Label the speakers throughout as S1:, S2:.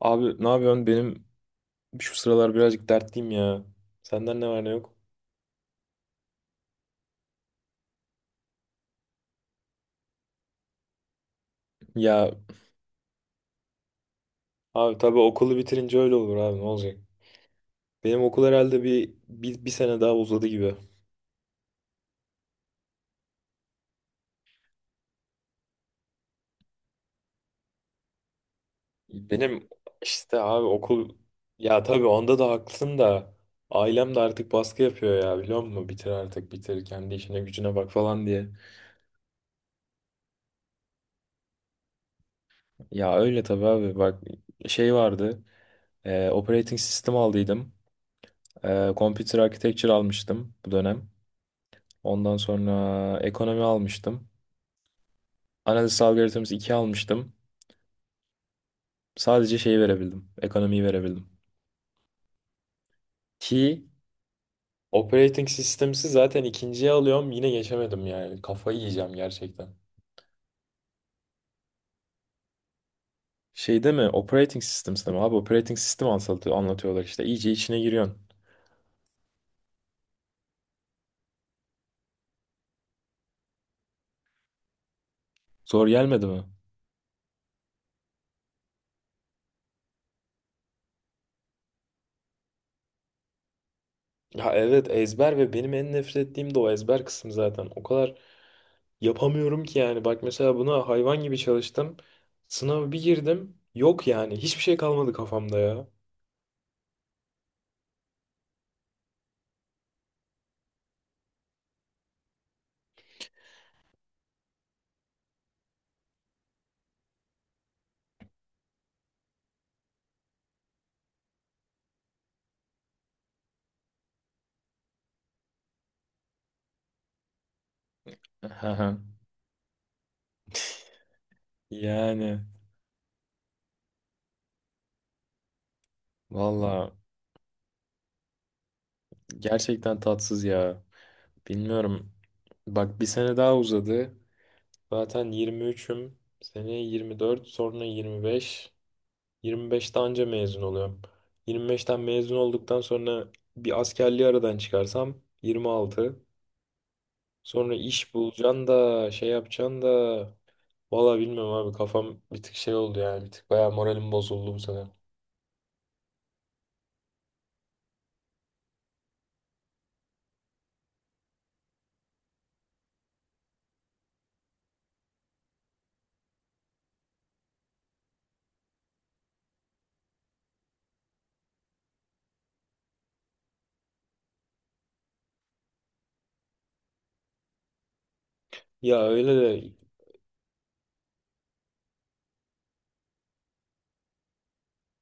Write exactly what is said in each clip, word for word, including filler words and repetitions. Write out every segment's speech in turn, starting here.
S1: Abi ne yapıyorsun? Benim şu sıralar birazcık dertliyim ya. Senden ne var ne yok? Ya abi tabii okulu bitirince öyle olur abi ne olacak? Benim okul herhalde bir, bir, bir sene daha uzadı gibi. Benim işte abi okul ya tabii onda da haklısın da ailem de artık baskı yapıyor ya biliyor musun? Bitir artık bitir kendi işine gücüne bak falan diye. Ya öyle tabii abi bak şey vardı. E, operating sistem aldıydım. E, computer architecture almıştım bu dönem. Ondan sonra ekonomi almıştım. Analiz algoritması iki almıştım. Sadece şeyi verebildim. Ekonomiyi verebildim. Ki operating systems'i zaten ikinciye alıyorum. Yine geçemedim yani. Kafayı yiyeceğim gerçekten. Şey değil mi? Operating systems'te mi? Abi operating sistem anlatı- anlatıyorlar işte. İyice içine giriyorsun. Zor gelmedi mi? Ya evet, ezber, ve benim en nefret ettiğim de o ezber kısmı zaten. O kadar yapamıyorum ki yani. Bak mesela buna hayvan gibi çalıştım. Sınava bir girdim. Yok yani. Hiçbir şey kalmadı kafamda ya. Haha. Yani valla gerçekten tatsız ya. Bilmiyorum. Bak bir sene daha uzadı. Zaten yirmi üçüm. Seneye yirmi dört, sonra yirmi beş. yirmi beşte anca mezun oluyorum. yirmi beşten mezun olduktan sonra bir askerliği aradan çıkarsam yirmi altı. Sonra iş bulacaksın da şey yapacaksın da valla bilmiyorum abi, kafam bir tık şey oldu yani. Bir tık bayağı moralim bozuldu bu sene. Ya öyle de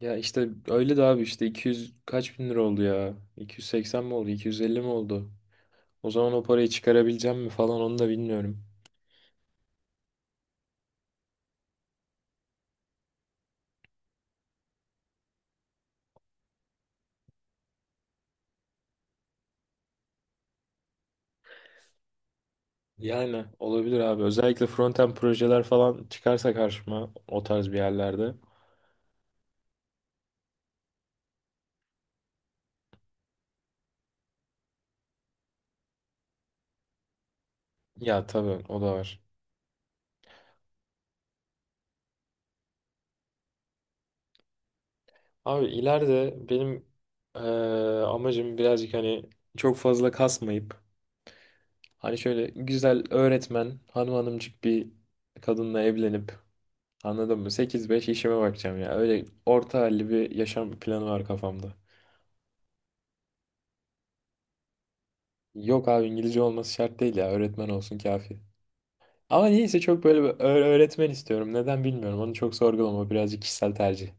S1: Ya işte öyle de abi, işte iki yüz kaç bin lira oldu ya? iki yüz seksen mi oldu? iki yüz elli mi oldu? O zaman o parayı çıkarabileceğim mi falan onu da bilmiyorum. Yani olabilir abi. Özellikle frontend projeler falan çıkarsa karşıma, o tarz bir yerlerde. Ya tabii o da var. Abi ileride benim eee, amacım birazcık hani çok fazla kasmayıp hani şöyle güzel öğretmen hanım hanımcık bir kadınla evlenip, anladın mı? sekiz beş işime bakacağım ya. Öyle orta halli bir yaşam planı var kafamda. Yok abi, İngilizce olması şart değil ya. Öğretmen olsun kafi. Ama niyeyse çok böyle bir öğ- öğretmen istiyorum. Neden bilmiyorum. Onu çok sorgulama. Birazcık kişisel tercih.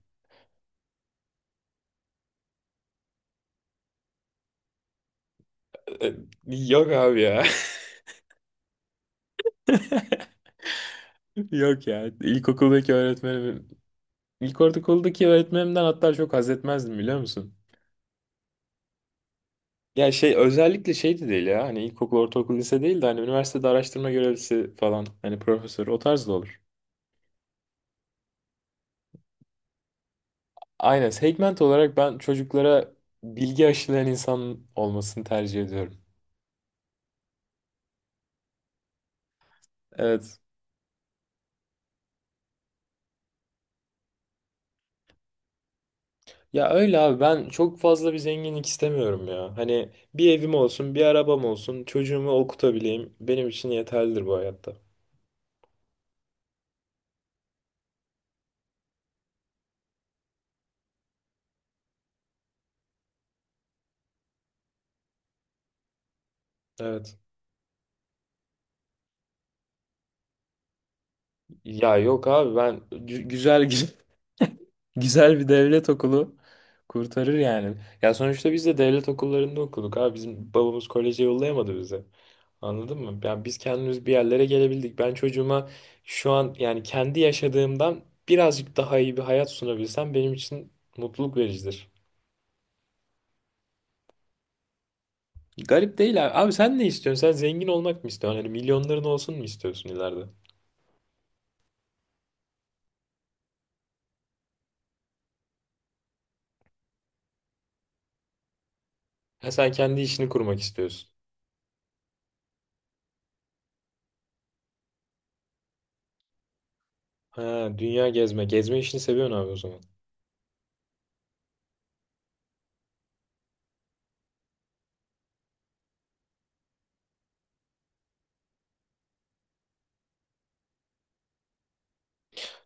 S1: Ee, Yok abi ya. Yok ya. İlkokuldaki öğretmenim, ilkokuldaki öğretmenimden hatta çok haz etmezdim biliyor musun? Ya şey, özellikle şey de değil ya. Hani ilkokul, ortaokul, lise değil de hani üniversitede araştırma görevlisi falan. Hani profesör o tarz da olur. Aynen, segment olarak ben çocuklara bilgi aşılayan insan olmasını tercih ediyorum. Evet. Ya öyle abi, ben çok fazla bir zenginlik istemiyorum ya. Hani bir evim olsun, bir arabam olsun, çocuğumu okutabileyim, benim için yeterlidir bu hayatta. Evet. Ya yok abi, ben gü- güzel güzel bir devlet okulu kurtarır yani. Ya sonuçta biz de devlet okullarında okuduk abi. Bizim babamız koleje yollayamadı bizi. Anladın mı? Ya biz kendimiz bir yerlere gelebildik. Ben çocuğuma şu an yani kendi yaşadığımdan birazcık daha iyi bir hayat sunabilsem benim için mutluluk vericidir. Garip değil abi. Abi sen ne istiyorsun? Sen zengin olmak mı istiyorsun? Hani milyonların olsun mu istiyorsun ileride? Ha, sen kendi işini kurmak istiyorsun. Ha, dünya gezme. Gezme işini seviyorsun abi o zaman.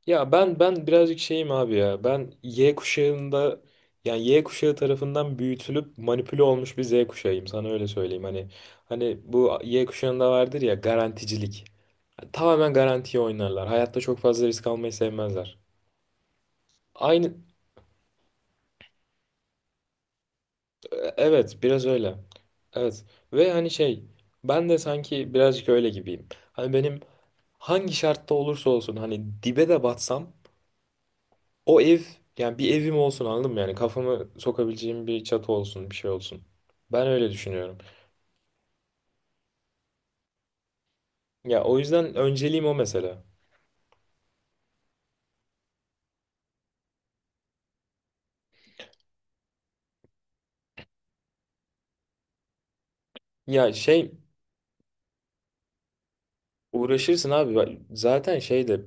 S1: Ya ben ben birazcık şeyim abi ya. Ben Y kuşağında, yani Y kuşağı tarafından büyütülüp manipüle olmuş bir Z kuşağıyım. Sana öyle söyleyeyim. Hani hani bu Y kuşağında vardır ya garanticilik. Tamamen garantiye oynarlar. Hayatta çok fazla risk almayı sevmezler. Aynı, e, evet biraz öyle. Evet, ve hani şey, ben de sanki birazcık öyle gibiyim. Hani benim hangi şartta olursa olsun, hani dibe de batsam, o ev, yani bir evim olsun, anladın mı? Yani kafamı sokabileceğim bir çatı olsun, bir şey olsun. Ben öyle düşünüyorum. Ya o yüzden önceliğim o mesela. Ya şey, uğraşırsın abi. Bak, zaten şeyde,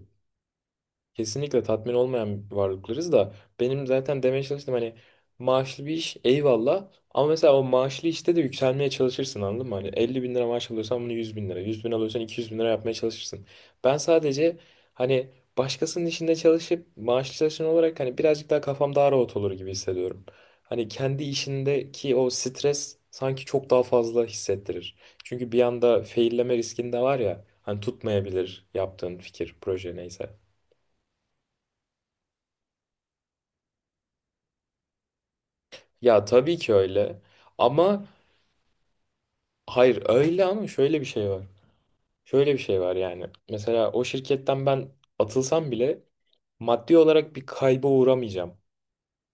S1: kesinlikle tatmin olmayan varlıklarız da, benim zaten demeye çalıştım hani, maaşlı bir iş eyvallah, ama mesela o maaşlı işte de yükselmeye çalışırsın anladın mı? Hani elli bin lira maaş alıyorsan bunu yüz bin lira, yüz bin alıyorsan iki yüz bin lira yapmaya çalışırsın. Ben sadece hani başkasının işinde çalışıp maaşlı çalışan olarak hani birazcık daha kafam daha rahat olur gibi hissediyorum. Hani kendi işindeki o stres sanki çok daha fazla hissettirir. Çünkü bir anda failleme riskinde var ya, hani tutmayabilir yaptığın fikir, proje, neyse. Ya tabii ki öyle. Ama hayır, öyle ama şöyle bir şey var. Şöyle bir şey var yani. Mesela o şirketten ben atılsam bile maddi olarak bir kayba uğramayacağım.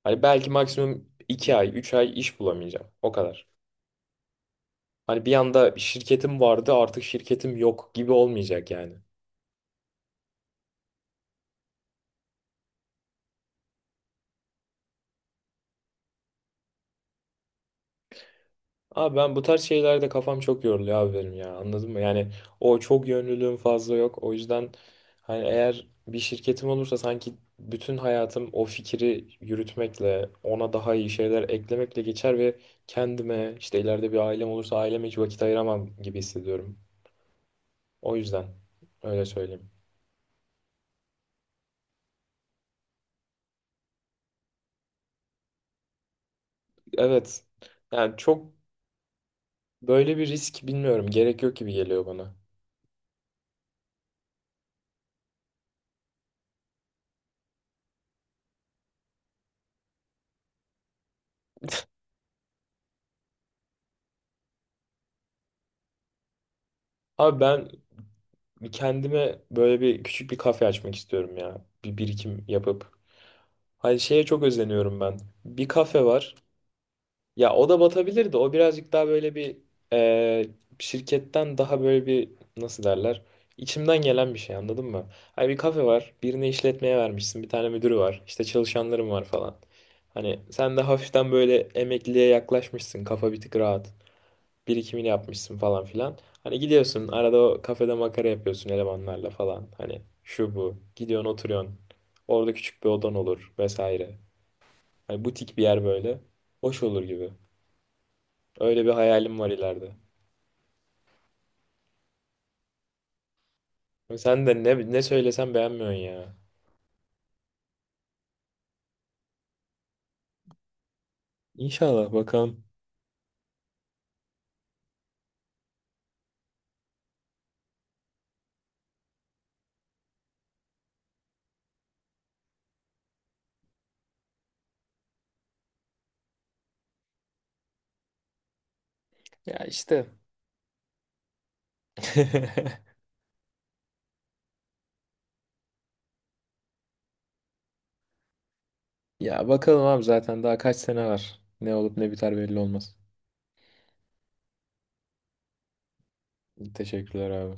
S1: Hani belki maksimum iki ay, üç ay iş bulamayacağım. O kadar. Hani bir anda şirketim vardı, artık şirketim yok gibi olmayacak yani. Abi ben bu tarz şeylerde kafam çok yoruluyor abi benim ya, anladın mı? Yani o çok yönlülüğüm fazla yok. O yüzden hani eğer bir şirketim olursa sanki bütün hayatım o fikri yürütmekle, ona daha iyi şeyler eklemekle geçer ve kendime, işte ileride bir ailem olursa aileme hiç vakit ayıramam gibi hissediyorum. O yüzden öyle söyleyeyim. Evet, yani çok böyle bir risk, bilmiyorum, gerek yok gibi geliyor bana. Abi ben kendime böyle bir küçük bir kafe açmak istiyorum ya. Bir birikim yapıp. Hani şeye çok özeniyorum ben. Bir kafe var. Ya o da batabilir de, o birazcık daha böyle bir e, şirketten daha böyle bir, nasıl derler, İçimden gelen bir şey, anladın mı? Hani bir kafe var. Birine işletmeye vermişsin. Bir tane müdürü var. İşte çalışanlarım var falan. Hani sen de hafiften böyle emekliliğe yaklaşmışsın. Kafa bir tık rahat. Birikimini yapmışsın falan filan. Hani gidiyorsun arada o kafede makara yapıyorsun elemanlarla falan. Hani şu bu. Gidiyorsun oturuyorsun. Orada küçük bir odan olur vesaire. Hani butik bir yer böyle. Hoş olur gibi. Öyle bir hayalim var ileride. Ama sen de ne, ne söylesem beğenmiyorsun ya. İnşallah bakalım. Ya işte. Ya bakalım abi, zaten daha kaç sene var. Ne olup ne biter belli olmaz. Teşekkürler abi.